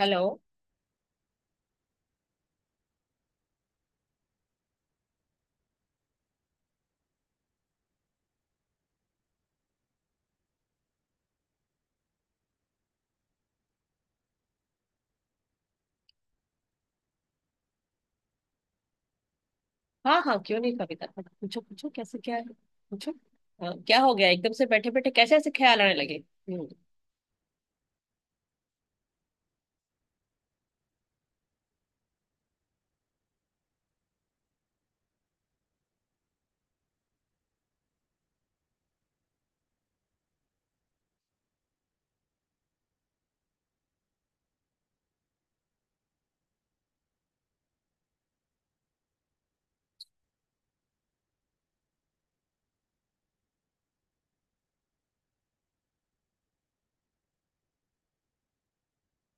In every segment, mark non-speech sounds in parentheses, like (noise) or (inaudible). Hello. हाँ हाँ, क्यों नहीं कविता, पूछो पूछो कैसे क्या है, पूछो। हाँ, क्या हो गया एकदम से बैठे बैठे कैसे ऐसे ख्याल आने लगे। हम्म।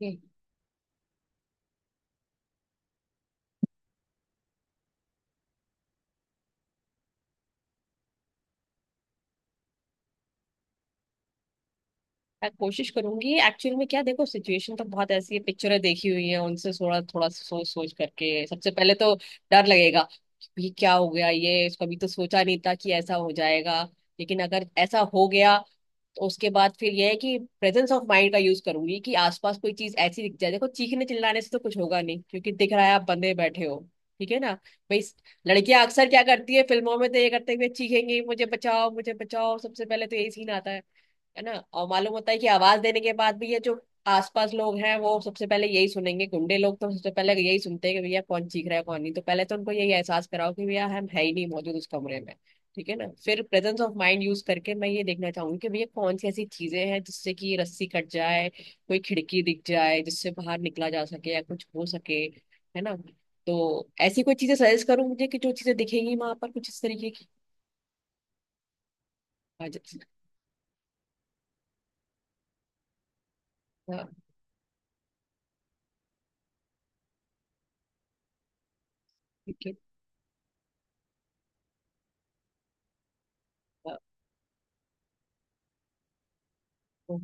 ये, मैं कोशिश करूंगी एक्चुअल में क्या, देखो सिचुएशन तो बहुत ऐसी है, पिक्चरें देखी हुई है उनसे थोड़ा थोड़ा सोच सोच करके सबसे पहले तो डर लगेगा। ये क्या हो गया, ये कभी तो सोचा नहीं था कि ऐसा हो जाएगा, लेकिन अगर ऐसा हो गया तो उसके बाद फिर यह है कि प्रेजेंस ऑफ माइंड का यूज करूंगी कि आसपास कोई चीज ऐसी दिख जाए। देखो चीखने चिल्लाने से तो कुछ होगा नहीं क्योंकि दिख रहा है आप बंदे बैठे हो। ठीक है ना भाई। लड़कियां अक्सर क्या करती है फिल्मों में, तो ये करते हुए चीखेंगी, मुझे बचाओ मुझे बचाओ, सबसे पहले तो यही सीन आता है। है ना, और मालूम होता है कि आवाज देने के बाद भी ये जो आसपास लोग हैं वो सबसे पहले यही सुनेंगे। गुंडे लोग तो सबसे पहले यही सुनते हैं कि भैया कौन चीख रहा है कौन नहीं, तो पहले तो उनको यही एहसास कराओ कि भैया हम है ही नहीं मौजूद उस कमरे में। ठीक है ना। फिर प्रेजेंस ऑफ माइंड यूज करके मैं ये देखना चाहूंगी कि भैया कौन सी ऐसी चीजें हैं जिससे कि ये रस्सी कट जाए, कोई खिड़की दिख जाए जिससे बाहर निकला जा सके या कुछ हो सके। है ना। तो ऐसी कोई चीजें सजेस्ट करूँ मुझे, कि जो चीजें दिखेंगी वहां पर कुछ इस तरीके की। हाँ, हाँ, ठीक है। हाँ,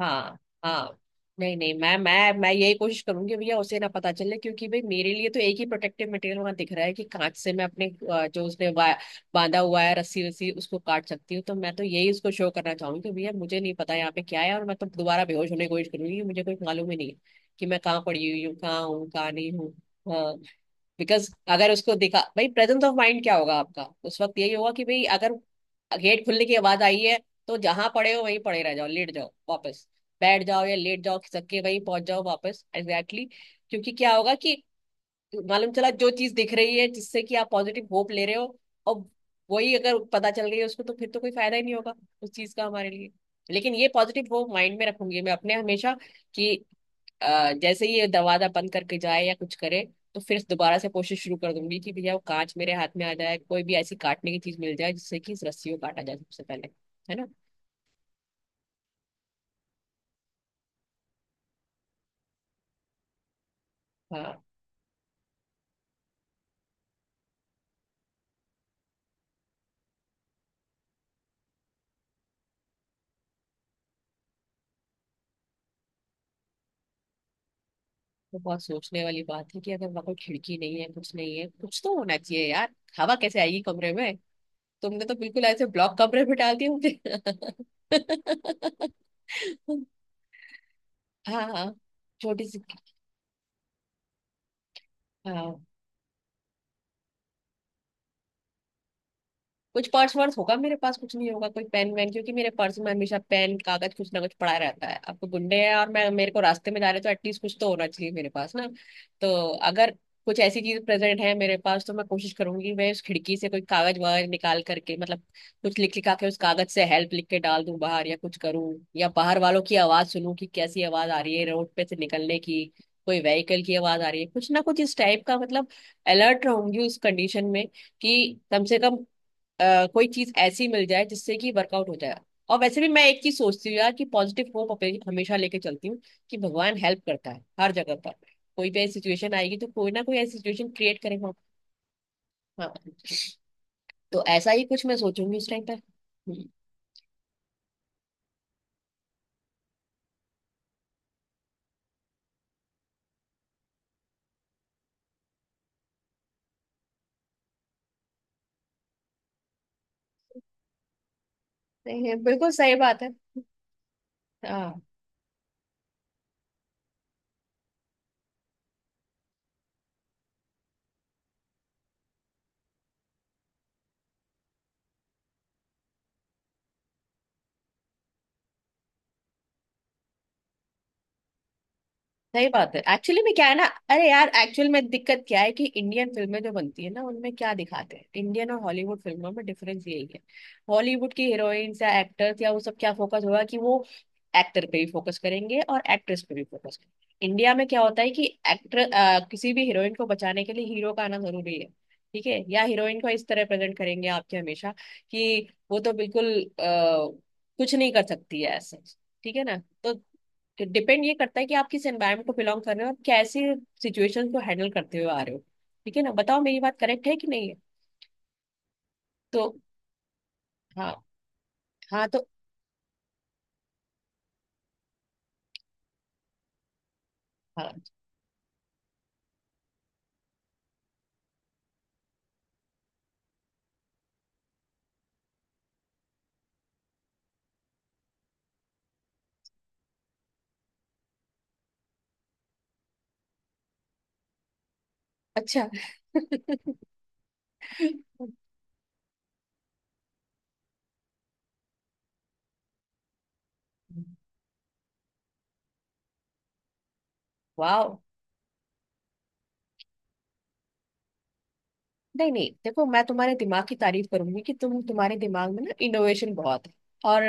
हाँ हाँ। नहीं नहीं, मैं यही कोशिश करूंगी भैया उसे ना पता चले, क्योंकि भाई मेरे लिए तो एक ही प्रोटेक्टिव मटेरियल वहां दिख रहा है कि कांच से मैं अपने अ, जो उसने वा- बांधा हुआ है रस्सी वस्सी उसको काट सकती हूँ। तो मैं तो यही उसको शो करना चाहूंगी कि भैया मुझे नहीं पता यहाँ पे क्या है, और मैं तो दोबारा बेहोश होने की कोशिश करूंगी, मुझे कोई मालूम ही नहीं है कि मैं कहाँ पड़ी हुई हूँ, कहाँ हूँ, कहाँ नहीं हूँ। हाँ। बिकॉज अगर उसको दिखा, भाई प्रेजेंस ऑफ माइंड क्या होगा आपका उस वक्त, यही होगा कि भाई अगर गेट खुलने की आवाज आई है तो जहां पड़े हो वहीं पड़े रह जाओ, लेट जाओ वापस, बैठ जाओ या लेट जाओ, खिसक के वहीं पहुंच जाओ वापस, एग्जैक्टली क्योंकि क्या होगा कि मालूम चला जो चीज दिख रही है जिससे कि आप पॉजिटिव होप ले रहे हो, और वही अगर पता चल गई है उसको तो फिर तो कोई फायदा ही नहीं होगा उस चीज का हमारे लिए। लेकिन ये पॉजिटिव होप माइंड में रखूंगी मैं अपने हमेशा, कि जैसे ही ये दरवाजा बंद करके जाए या कुछ करे, तो फिर दोबारा से कोशिश शुरू कर दूंगी कि भैया वो कांच मेरे हाथ में आ जाए, कोई भी ऐसी काटने की चीज मिल जाए जिससे कि इस रस्सी को काटा जाए सबसे पहले। है ना। हाँ, तो बहुत सोचने वाली बात है कि अगर वहां कोई खिड़की नहीं है, कुछ नहीं है, कुछ तो होना चाहिए यार। हवा कैसे आएगी कमरे में, तुमने तो बिल्कुल ऐसे ब्लॉक कमरे में डाल दिया मुझे। (laughs) हाँ हाँ, छोटी सी। हाँ, कुछ पर्स वर्स होगा मेरे पास, कुछ नहीं होगा कोई पेन वेन, क्योंकि मेरे पर्स में हमेशा पेन कागज कुछ ना कुछ पड़ा रहता है। अब तो गुंडे हैं और मैं, मेरे को रास्ते में जा रहे तो एटलीस्ट कुछ तो होना चाहिए मेरे पास ना। तो अगर कुछ ऐसी चीज प्रेजेंट है मेरे पास तो मैं कोशिश करूंगी, मैं उस खिड़की से कोई कागज वागज निकाल करके, मतलब कुछ लिख लिखा के उस कागज से हेल्प लिख के डाल दूं बाहर, या कुछ करूं, या बाहर वालों की आवाज सुनूं कि कैसी आवाज आ रही है रोड पे से निकलने की, कोई व्हीकल की आवाज आ रही है, कुछ ना कुछ इस टाइप का। मतलब अलर्ट रहूंगी उस कंडीशन में कि कम से कम कोई चीज ऐसी मिल जाए जिससे कि वर्कआउट हो जाए। और वैसे भी मैं एक चीज सोचती हूँ यार, कि पॉजिटिव होप हमेशा लेके चलती हूँ कि भगवान हेल्प करता है हर जगह पर, कोई भी ऐसी सिचुएशन आएगी तो कोई ना कोई ऐसी सिचुएशन क्रिएट करेगा। हाँ, तो ऐसा ही कुछ मैं सोचूंगी उस टाइम पर। नहीं, बिल्कुल सही बात है। हाँ, सही बात है एक्चुअली में, क्या है ना, अरे यार एक्चुअल में दिक्कत क्या है कि इंडियन फिल्में जो बनती है ना उनमें क्या दिखाते हैं, इंडियन और हॉलीवुड फिल्मों में डिफरेंस यही है। हॉलीवुड की हीरोइंस या एक्टर्स या वो सब, क्या फोकस होगा कि वो एक्टर पे भी फोकस करेंगे और एक्ट्रेस पे भी फोकस करेंगे। इंडिया में क्या होता है कि एक्टर, किसी भी हीरोइन को बचाने के लिए हीरो का आना जरूरी है। ठीक है, या हीरोइन को इस तरह प्रेजेंट करेंगे आपके हमेशा कि वो तो बिल्कुल अ, कुछ नहीं कर सकती है, ऐसा। ठीक है ना। तो डिपेंड ये करता है कि आप किस एनवायरमेंट को बिलोंग कर रहे हो, और कैसे सिचुएशन को हैंडल करते हुए आ रहे हो। ठीक है ना, बताओ मेरी बात करेक्ट है कि नहीं है। तो हाँ हाँ, तो हाँ। अच्छा। (laughs) वाह। नहीं नहीं देखो, मैं तुम्हारे दिमाग की तारीफ करूंगी कि तुम, तुम्हारे दिमाग में ना इनोवेशन बहुत है, और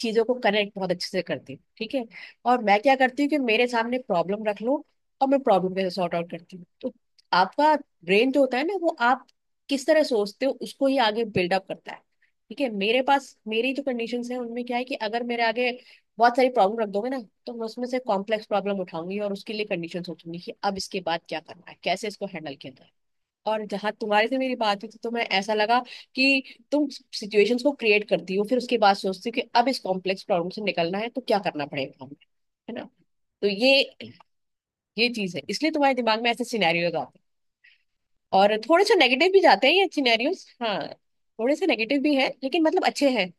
चीजों को कनेक्ट बहुत अच्छे से करती हो। ठीक है, और मैं क्या करती हूँ कि मेरे सामने प्रॉब्लम रख लो, और मैं प्रॉब्लम कैसे सॉर्ट आउट करती हूँ, तो आपका ब्रेन जो होता है ना वो आप किस तरह सोचते हो उसको ही आगे बिल्डअप करता है। ठीक है, मेरे पास मेरी जो कंडीशन है उनमें क्या है कि अगर मेरे आगे बहुत सारी प्रॉब्लम रख दोगे ना, तो मैं उसमें से कॉम्प्लेक्स प्रॉब्लम उठाऊंगी और उसके लिए कंडीशन सोचूंगी कि अब इसके बाद क्या करना है, कैसे इसको हैंडल किया जाए। और जहां तुम्हारे से मेरी बात हुई थी तो मैं, ऐसा लगा कि तुम सिचुएशंस को क्रिएट करती हो, फिर उसके बाद सोचती हो कि अब इस कॉम्प्लेक्स प्रॉब्लम से निकलना है तो क्या करना पड़ेगा हमें। है ना। तो ये चीज है, इसलिए तुम्हारे दिमाग में ऐसे सिनेरियोज आते हैं, और थोड़े से नेगेटिव भी जाते हैं ये सिनेरियोज, हाँ। थोड़े से नेगेटिव भी हैं लेकिन मतलब अच्छे हैं।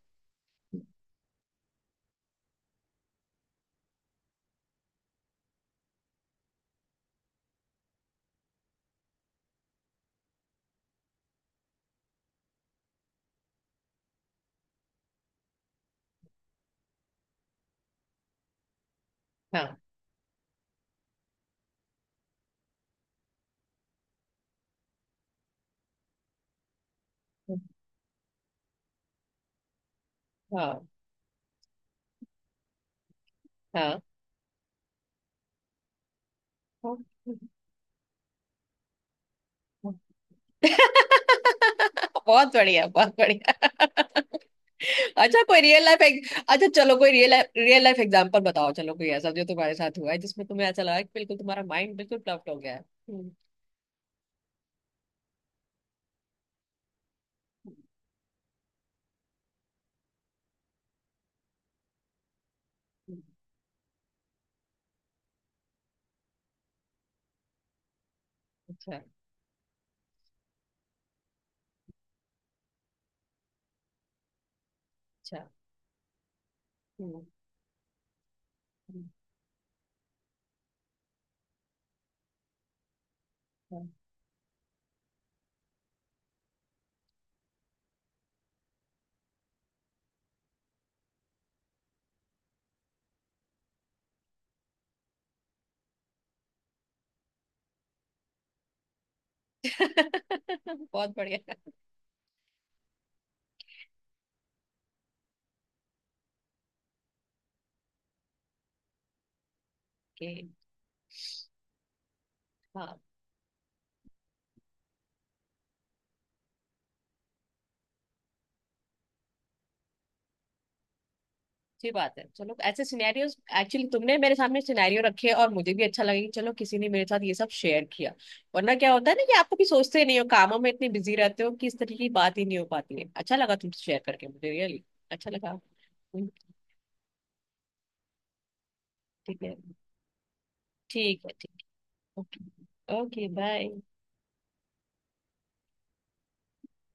हाँ हाँ हाँ हाँ। (laughs) बहुत बढ़िया, बहुत बढ़िया। (laughs) अच्छा कोई रियल लाइफ, अच्छा चलो कोई रियल रियल लाइफ एग्जांपल बताओ, चलो कोई ऐसा जो तुम्हारे साथ हुआ है जिसमें तुम्हें ऐसा लगा कि बिल्कुल तुम्हारा माइंड बिल्कुल प्लफ्ट हो गया है। हम्म, हम्म, अच्छा। अच्छा। (laughs) हम्म, हम्म, हाँ। (laughs) बहुत बढ़िया। ओके। अच्छी बात है। चलो ऐसे सिनेरियोस, एक्चुअली तुमने मेरे सामने सिनेरियो रखे और मुझे भी अच्छा लगा कि चलो किसी ने मेरे साथ ये सब शेयर किया। वरना क्या होता है ना कि आप कभी सोचते ही नहीं हो, कामों में इतने बिजी रहते हो कि इस तरीके की बात ही नहीं हो पाती है। अच्छा लगा तुमसे शेयर करके मुझे, रियली अच्छा लगा। ठीक है। ठीक है ठीक है। Okay okay bye.